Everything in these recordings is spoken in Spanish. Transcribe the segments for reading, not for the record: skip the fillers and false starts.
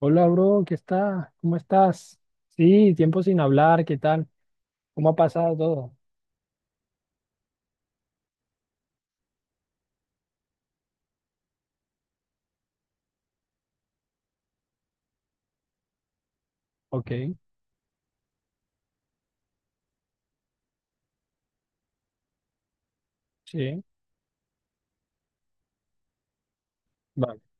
Hola, bro, ¿qué está? ¿Cómo estás? Sí, tiempo sin hablar, ¿qué tal? ¿Cómo ha pasado todo? Ok, sí, vale.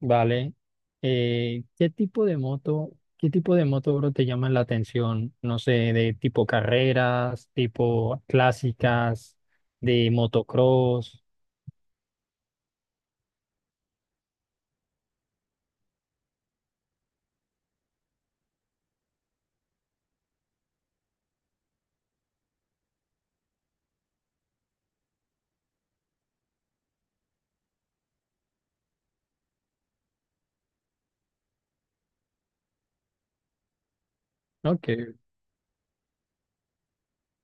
Vale. ¿Qué tipo de moto, bro, te llaman la atención? No sé, de tipo carreras, tipo clásicas, de motocross. Ok,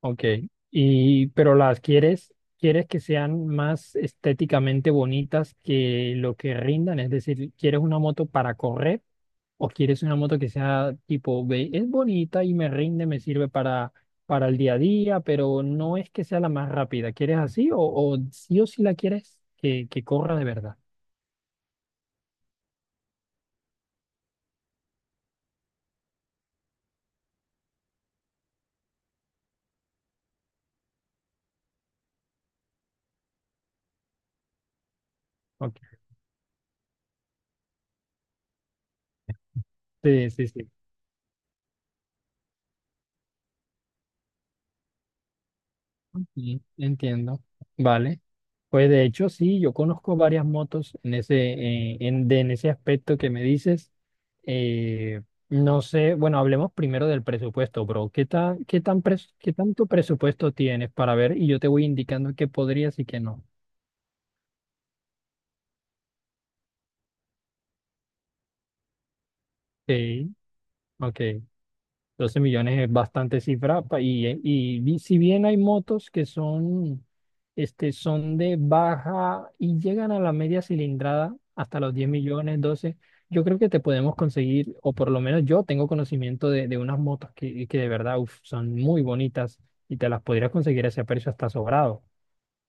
ok. Y, pero quieres que sean más estéticamente bonitas que lo que rindan, es decir, ¿quieres una moto para correr? O quieres una moto que sea tipo, ve, es bonita y me rinde, me sirve para el día a día, pero no es que sea la más rápida. ¿Quieres así o sí o sí la quieres que corra de verdad? Ok. Sí, sí, sí. Sí, entiendo. Vale. Pues de hecho, sí, yo conozco varias motos en ese, en ese aspecto que me dices. Eh, no sé, bueno, hablemos primero del presupuesto, bro. ¿Qué tanto presupuesto tienes para ver? Y yo te voy indicando qué podrías y qué no. Ok, ok. 12 millones es bastante cifra si bien hay motos que son, son de baja y llegan a la media cilindrada hasta los 10 millones, doce. Yo creo que te podemos conseguir, o por lo menos yo tengo conocimiento de unas motos que de verdad uf, son muy bonitas y te las podrías conseguir a ese precio hasta sobrado.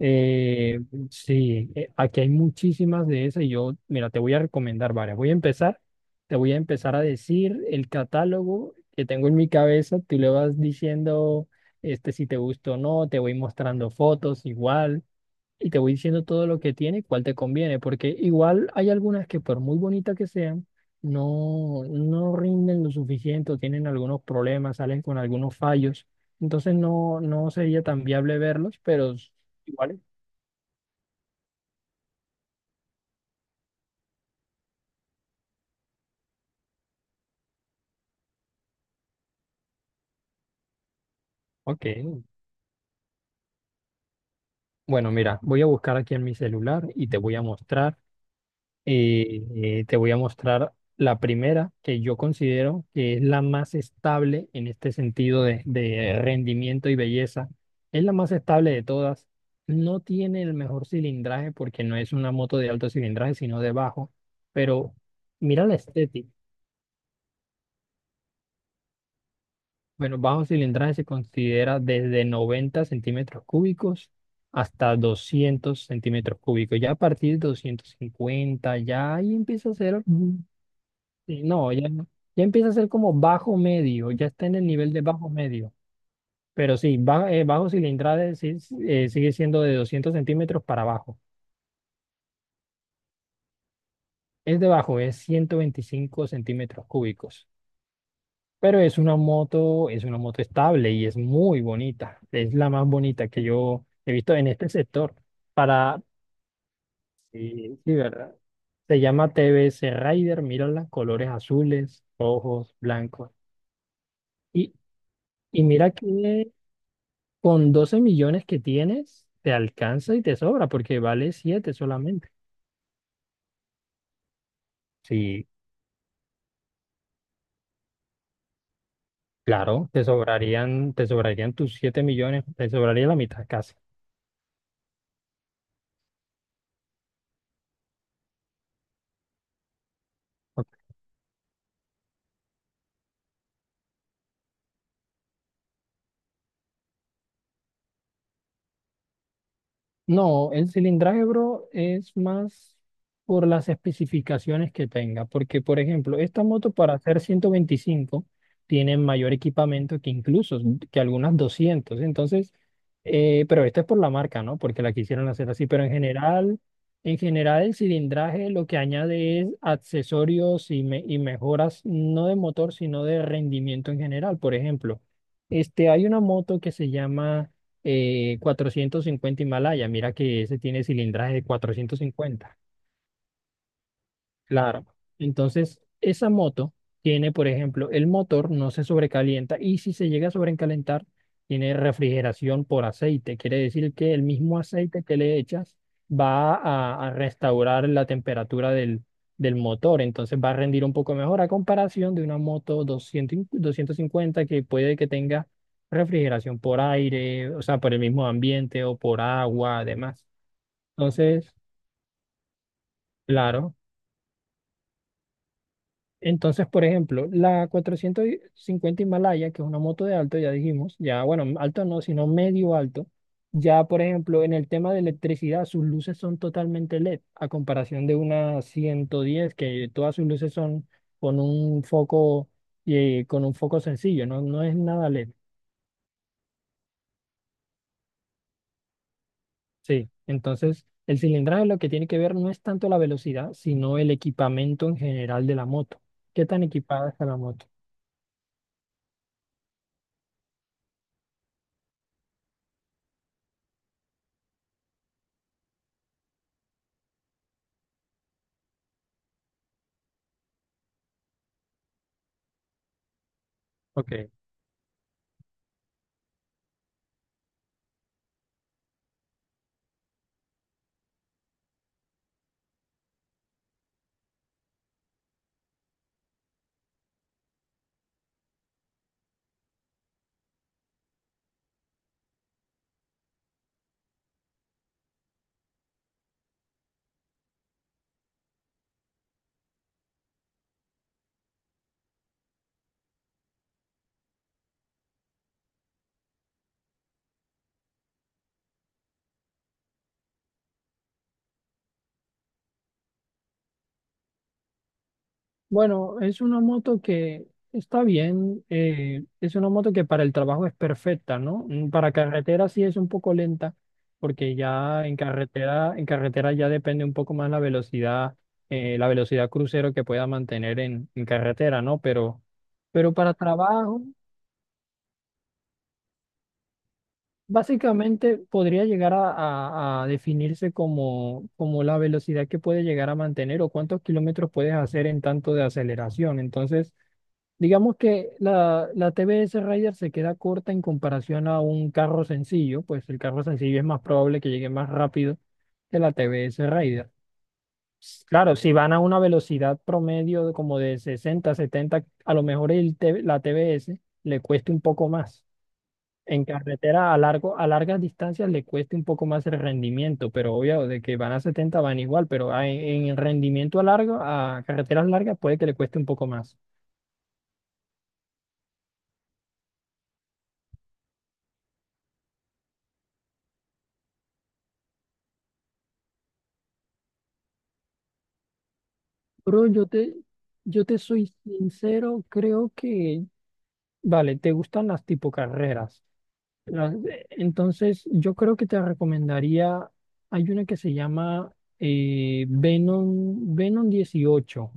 Eh, sí, aquí hay muchísimas de esas y yo, mira, te voy a recomendar varias. Te voy a empezar a decir el catálogo que tengo en mi cabeza. Tú le vas diciendo, si te gusta o no, te voy mostrando fotos igual y te voy diciendo todo lo que tiene y cuál te conviene, porque igual hay algunas que por muy bonitas que sean, no, no rinden lo suficiente o tienen algunos problemas, salen con algunos fallos. Entonces no, no sería tan viable verlos, pero. Igual, ok, bueno, mira, voy a buscar aquí en mi celular y te voy a mostrar la primera que yo considero que es la más estable en este sentido de rendimiento y belleza. Es la más estable de todas. No tiene el mejor cilindraje porque no es una moto de alto cilindraje, sino de bajo, pero mira la estética. Bueno, bajo cilindraje se considera desde 90 centímetros cúbicos hasta 200 centímetros cúbicos. Ya a partir de 250 ya ahí empieza a ser, sí, no, ya. Ya empieza a ser como bajo medio, ya está en el nivel de bajo medio. Pero sí, bajo cilindraje sí sigue siendo de 200 centímetros para abajo. Es de bajo, es 125 centímetros cúbicos. Pero es una moto estable y es muy bonita. Es la más bonita que yo he visto en este sector. Para, sí, sí, ¿verdad? Se llama TBS Rider, mira los colores azules, rojos, blancos. Y, y mira que con 12 millones que tienes, te alcanza y te sobra, porque vale siete solamente. Sí, claro, te sobrarían tus 7 millones, te sobraría la mitad casi. No, el cilindraje, bro, es más por las especificaciones que tenga, porque por ejemplo, esta moto para hacer 125 tiene mayor equipamiento que incluso que algunas 200, entonces, pero esto es por la marca, ¿no? Porque la quisieron hacer así, pero en general el cilindraje lo que añade es accesorios y mejoras, no de motor, sino de rendimiento en general. Por ejemplo, hay una moto que se llama 450 Himalaya. Mira que ese tiene cilindraje de 450. Claro. Entonces, esa moto tiene, por ejemplo, el motor no se sobrecalienta y si se llega a sobrecalentar, tiene refrigeración por aceite. Quiere decir que el mismo aceite que le echas va a restaurar la temperatura del motor. Entonces va a rendir un poco mejor a comparación de una moto 250 que puede que tenga refrigeración por aire, o sea, por el mismo ambiente o por agua, además. Entonces, claro. Entonces, por ejemplo, la 450 Himalaya, que es una moto de alto, ya dijimos, ya, bueno, alto no, sino medio alto, ya, por ejemplo, en el tema de electricidad, sus luces son totalmente LED, a comparación de una 110, que todas sus luces son con un foco, con un foco sencillo, no, no es nada LED. Sí, entonces, el cilindraje lo que tiene que ver no es tanto la velocidad, sino el equipamiento en general de la moto. ¿Qué tan equipada está la moto? Ok. Bueno, es una moto que está bien, es una moto que para el trabajo es perfecta, ¿no? Para carretera sí es un poco lenta, porque ya en carretera ya depende un poco más la velocidad crucero que pueda mantener en carretera, ¿no? Pero para trabajo, básicamente podría llegar a definirse como la velocidad que puede llegar a mantener o cuántos kilómetros puedes hacer en tanto de aceleración. Entonces, digamos que la TBS Raider se queda corta en comparación a un carro sencillo, pues el carro sencillo es más probable que llegue más rápido que la TBS Raider. Claro, si van a una velocidad promedio de como de 60, 70, a lo mejor la TBS le cueste un poco más. En carretera a largas distancias le cueste un poco más el rendimiento, pero obvio de que van a 70 van igual, pero el rendimiento a carreteras largas puede que le cueste un poco más. Bro, yo te soy sincero, creo que, vale, te gustan las tipo carreras. La- Entonces, yo creo que te recomendaría, hay una que se llama Venom 18.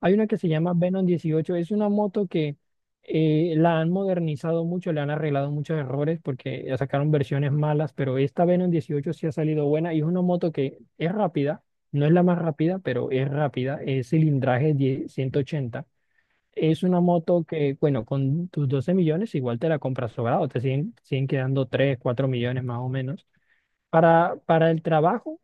Hay una que se llama Venom 18. Es una moto que la han modernizado mucho, le han arreglado muchos errores porque ya sacaron versiones malas, pero esta Venom 18 sí ha salido buena y es una moto que es rápida, no es la más rápida, pero es rápida, es cilindraje 10 ochenta. Es una moto que, bueno, con tus 12 millones igual te la compras sobrado, te siguen quedando 3 4 millones más o menos. Para el trabajo,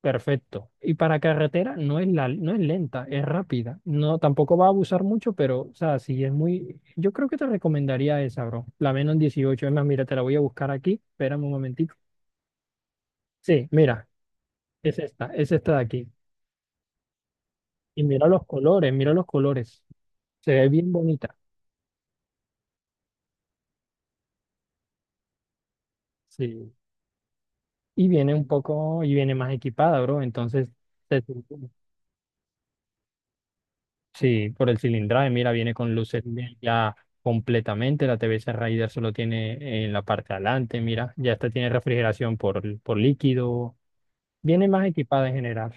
perfecto. Y para carretera no es lenta, es rápida. No, tampoco va a abusar mucho, pero, o sea, sí es muy. Yo creo que te recomendaría esa, bro. La menos 18. Es más, mira, te la voy a buscar aquí. Espérame un momentico. Sí, mira, es esta de aquí. Y mira los colores, mira los colores. Se ve bien bonita. Sí. Y viene más equipada, bro. Entonces, se siente- sí, por el cilindraje, mira, viene con luces LED ya completamente. La TVS Raider solo tiene en la parte de adelante, mira, ya esta tiene refrigeración por líquido. Viene más equipada en general.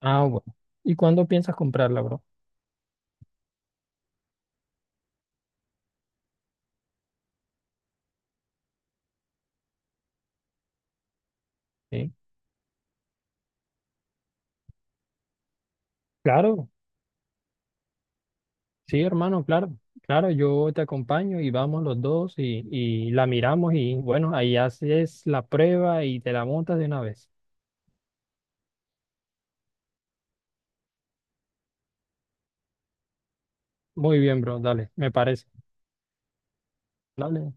Ah, bueno. ¿Y cuándo piensas comprarla, bro? Sí. Claro, sí, hermano, claro. Claro, yo te acompaño y vamos los dos y la miramos y bueno, ahí haces la prueba y te la montas de una vez. Muy bien, bro, dale, me parece. Dale.